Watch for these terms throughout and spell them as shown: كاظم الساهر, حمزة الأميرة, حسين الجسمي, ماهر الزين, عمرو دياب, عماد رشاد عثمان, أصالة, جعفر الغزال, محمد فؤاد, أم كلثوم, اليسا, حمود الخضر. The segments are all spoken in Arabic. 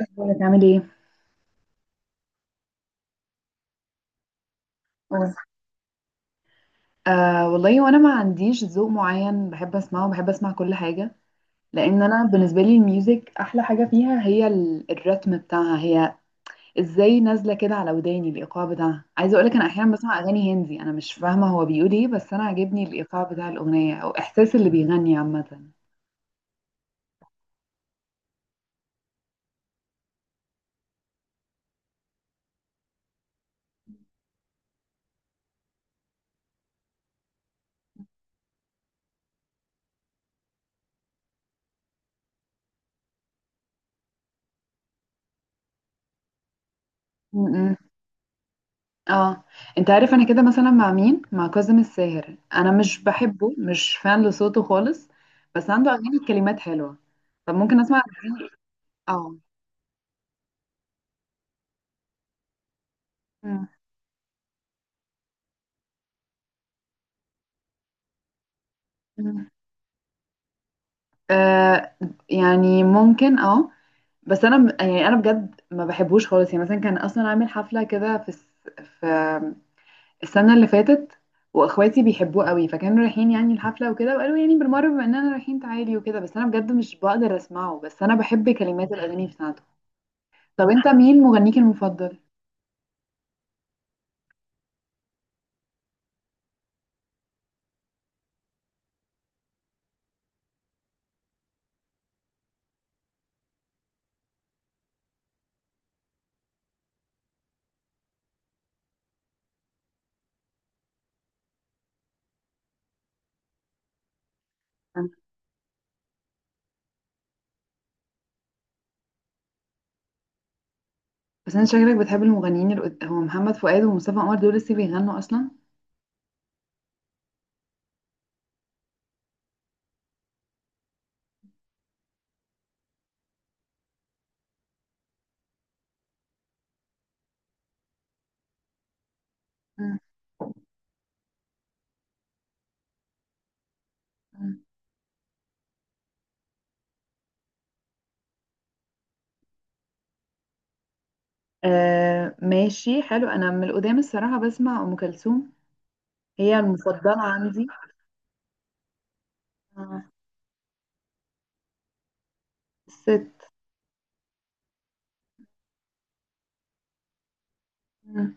اخبارك عامل ايه؟ قول. آه والله، وانا ما عنديش ذوق معين، بحب اسمعه، بحب اسمع كل حاجه. لان انا بالنسبه لي الميوزك احلى حاجه فيها هي الرتم بتاعها، هي ازاي نازله كده على وداني، الايقاع بتاعها. عايزه اقولك، انا احيانا بسمع اغاني هندي، انا مش فاهمه هو بيقول ايه، بس انا عاجبني الايقاع بتاع الاغنيه او احساس اللي بيغني عامه. م- م. اه. انت عارف انا كده، مثلا مع مين؟ مع كاظم الساهر. انا مش بحبه، مش فان لصوته خالص، بس عنده اغاني كلمات حلوه. طب ممكن اسمع. اه. مم. مم. آه، يعني ممكن اه. بس انا يعني انا بجد ما بحبوش خالص. يعني مثلا كان اصلا عامل حفله كده في في السنه اللي فاتت، واخواتي بيحبوه قوي، فكانوا رايحين يعني الحفله وكده، وقالوا يعني بالمره بما اننا رايحين تعالي وكده، بس انا بجد مش بقدر اسمعه، بس انا بحب كلمات الاغاني بتاعته. طب انت مين مغنيك المفضل؟ مم. بس انت شكلك بتحب المغنيين هو محمد فؤاد ومصطفى قمر دول لسه بيغنوا اصلا؟ مم. آه ماشي حلو. انا من القدام الصراحه بسمع ام كلثوم، هي المفضله عندي. آه، الست. مم.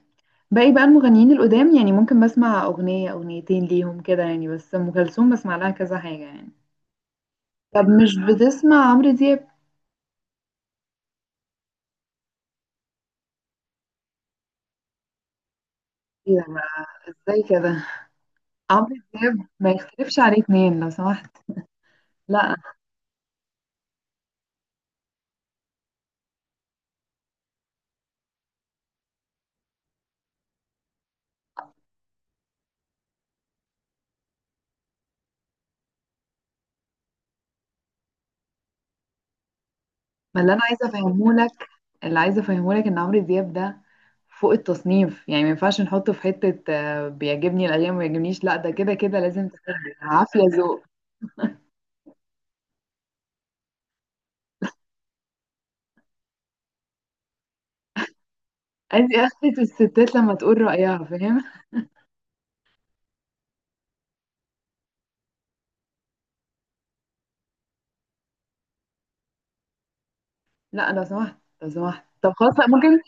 باقي بقى المغنيين القدام يعني ممكن بسمع اغنيه اغنيتين ليهم كده يعني، بس ام كلثوم بسمع لها كذا حاجه يعني. طب مش بتسمع عمرو دياب؟ إيه ده بقى؟ ازاي كده؟ عمرو دياب ما يختلفش عليه اتنين لو سمحت. لا. ما اللي انا عايزه افهمه لك، اللي عايزه افهمه لك ان عمرو دياب ده فوق التصنيف. يعني ما ينفعش نحطه في حته، آه، بيعجبني الايام ما بيعجبنيش. لا، ده كده كده لازم تحبه، عافيه ذوق. ادي اخرة الستات لما تقول رايها، فاهم؟ لا لو سمحت، لو سمحت. طب خلاص، لأ، ممكن،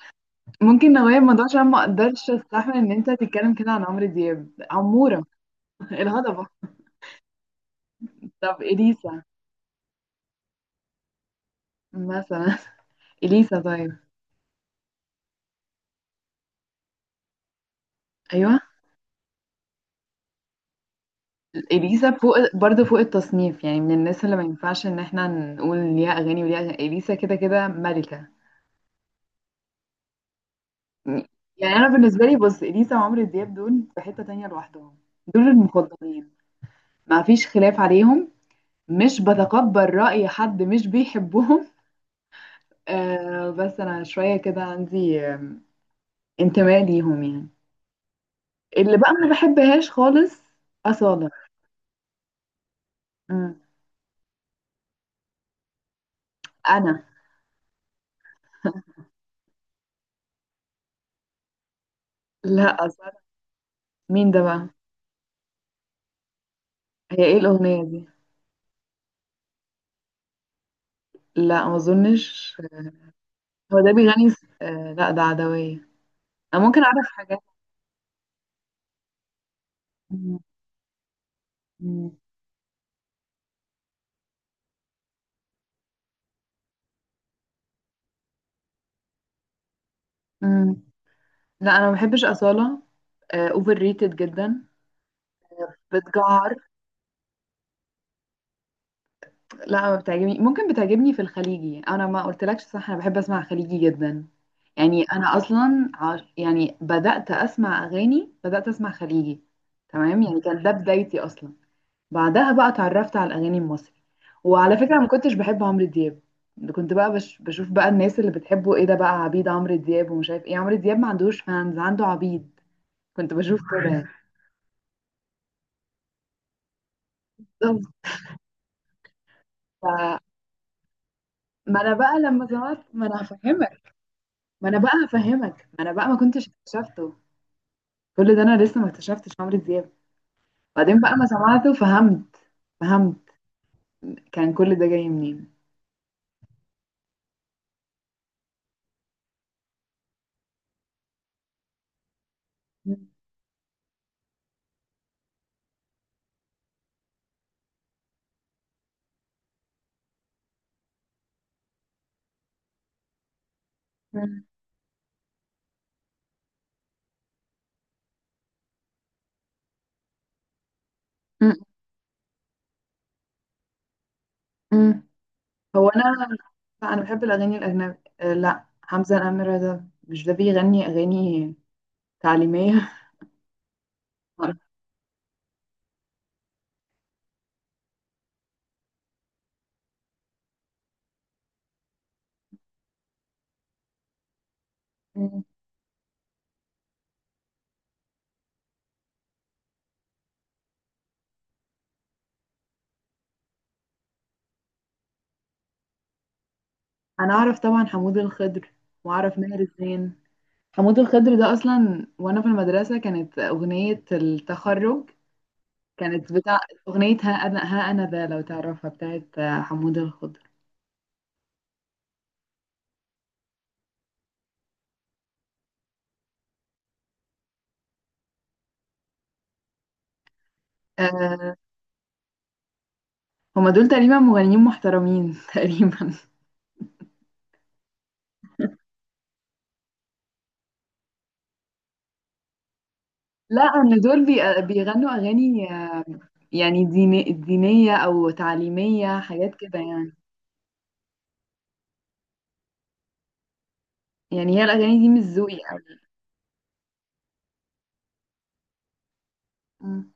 ممكن نغير الموضوع عشان ما اقدرش استحمل ان انت تتكلم كده عن عمرو دياب، عموره. الهضبه. طب اليسا مثلا، اليسا طيب؟ ايوه. اليسا فوق برضه، فوق التصنيف، يعني من الناس اللي ما ينفعش ان احنا نقول ليها اغاني وليها أغاني. اليسا كده كده ملكة. يعني انا بالنسبة لي، بص، اليسا وعمرو دياب دول في حتة تانية لوحدهم، دول المفضلين، ما فيش خلاف عليهم، مش بتقبل رأي حد مش بيحبهم. آه، بس انا شوية كده عندي انتماء ليهم يعني. اللي بقى ما بحبهاش خالص، أصالة. مم. انا، لا أصالة. مين ده بقى؟ هي ايه الأغنية دي؟ لا ما اظنش. هو ده بيغني آه لا ده عدوية. أنا ممكن أعرف حاجات. مم. مم. مم. لا أنا ما بحبش أصالة، أوفر ريتد جدا، بتجعر. لا ما بتعجبني، ممكن بتعجبني في الخليجي. أنا ما قلتلكش، صح، أنا بحب أسمع خليجي جدا. يعني أنا أصلا يعني بدأت أسمع أغاني، بدأت أسمع خليجي، تمام. يعني كان ده بدايتي أصلا. بعدها بقى اتعرفت على الاغاني المصري، وعلى فكره ما كنتش بحب عمرو دياب. كنت بقى بشوف بقى الناس اللي بتحبه، ايه ده بقى عبيد عمرو دياب ومش عارف ايه، عمرو دياب ما عندوش فانز، عنده عبيد. كنت بشوف كده، بالظبط. ف- ما انا بقى لما ظهرت، ما انا هفهمك، ما انا بقى هفهمك، ما انا بقى ما كنتش اكتشفته. كل ده انا لسه ما اكتشفتش عمرو دياب. بعدين بقى ما سمعته فهمت، فهمت كان كل ده جاي منين. م- م- م- م. هو انا لا انا بحب الاغاني الاجنبي، آه، لا حمزة الأميرة ده، مش ده بيغني اغاني تعليمية. مم. انا اعرف طبعا حمود الخضر واعرف ماهر الزين. حمود الخضر ده اصلا وانا في المدرسة كانت اغنية التخرج، كانت بتاع اغنية ها انا، ها انا ده لو تعرفها، بتاعت آه، حمود الخضر. أه، هما دول تقريبا مغنيين محترمين، تقريبا. لا، ان دول بيغنوا اغاني آه، يعني دينية او تعليمية، حاجات كده يعني. يعني هي الأغاني دي مش ذوقي أوي. مم.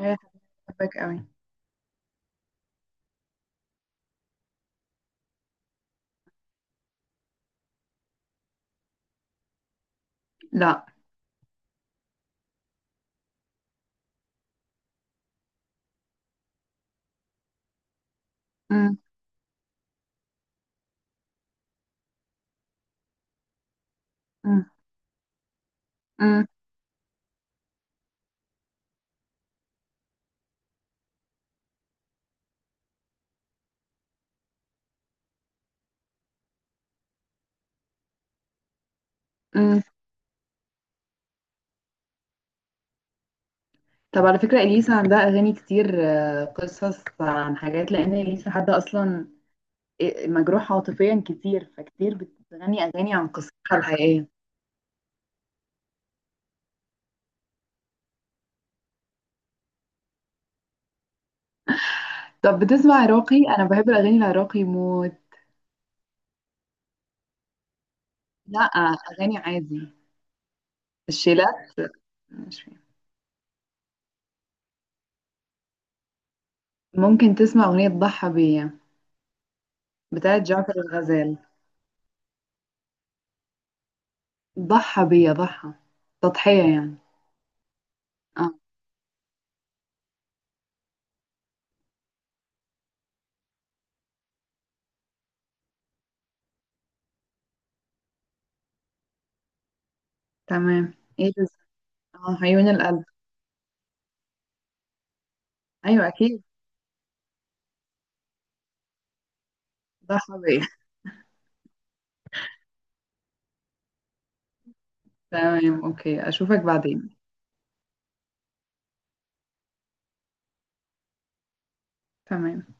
هي هتحبك أوي. لا. مم. مم. مم. مم. طب على فكرة، إليسا عندها أغاني كتير آه، قصص عن حاجات، لأن إليسا حد أصلا مجروح عاطفيا كتير، فكتير بتغني أغاني عن قصتها الحقيقية. طب بتسمع عراقي؟ أنا بحب الأغاني العراقي موت. لا، أغاني عادي، الشيلات مش فاهم. ممكن تسمع أغنية ضحى بيا، بتاعت جعفر الغزال. ضحى بيا، ضحى تضحية يعني. آه. تمام. ايه ده؟ اه عيون القلب. ايوه اكيد، ده حبيبي. تمام، اوكي، اشوفك بعدين. تمام.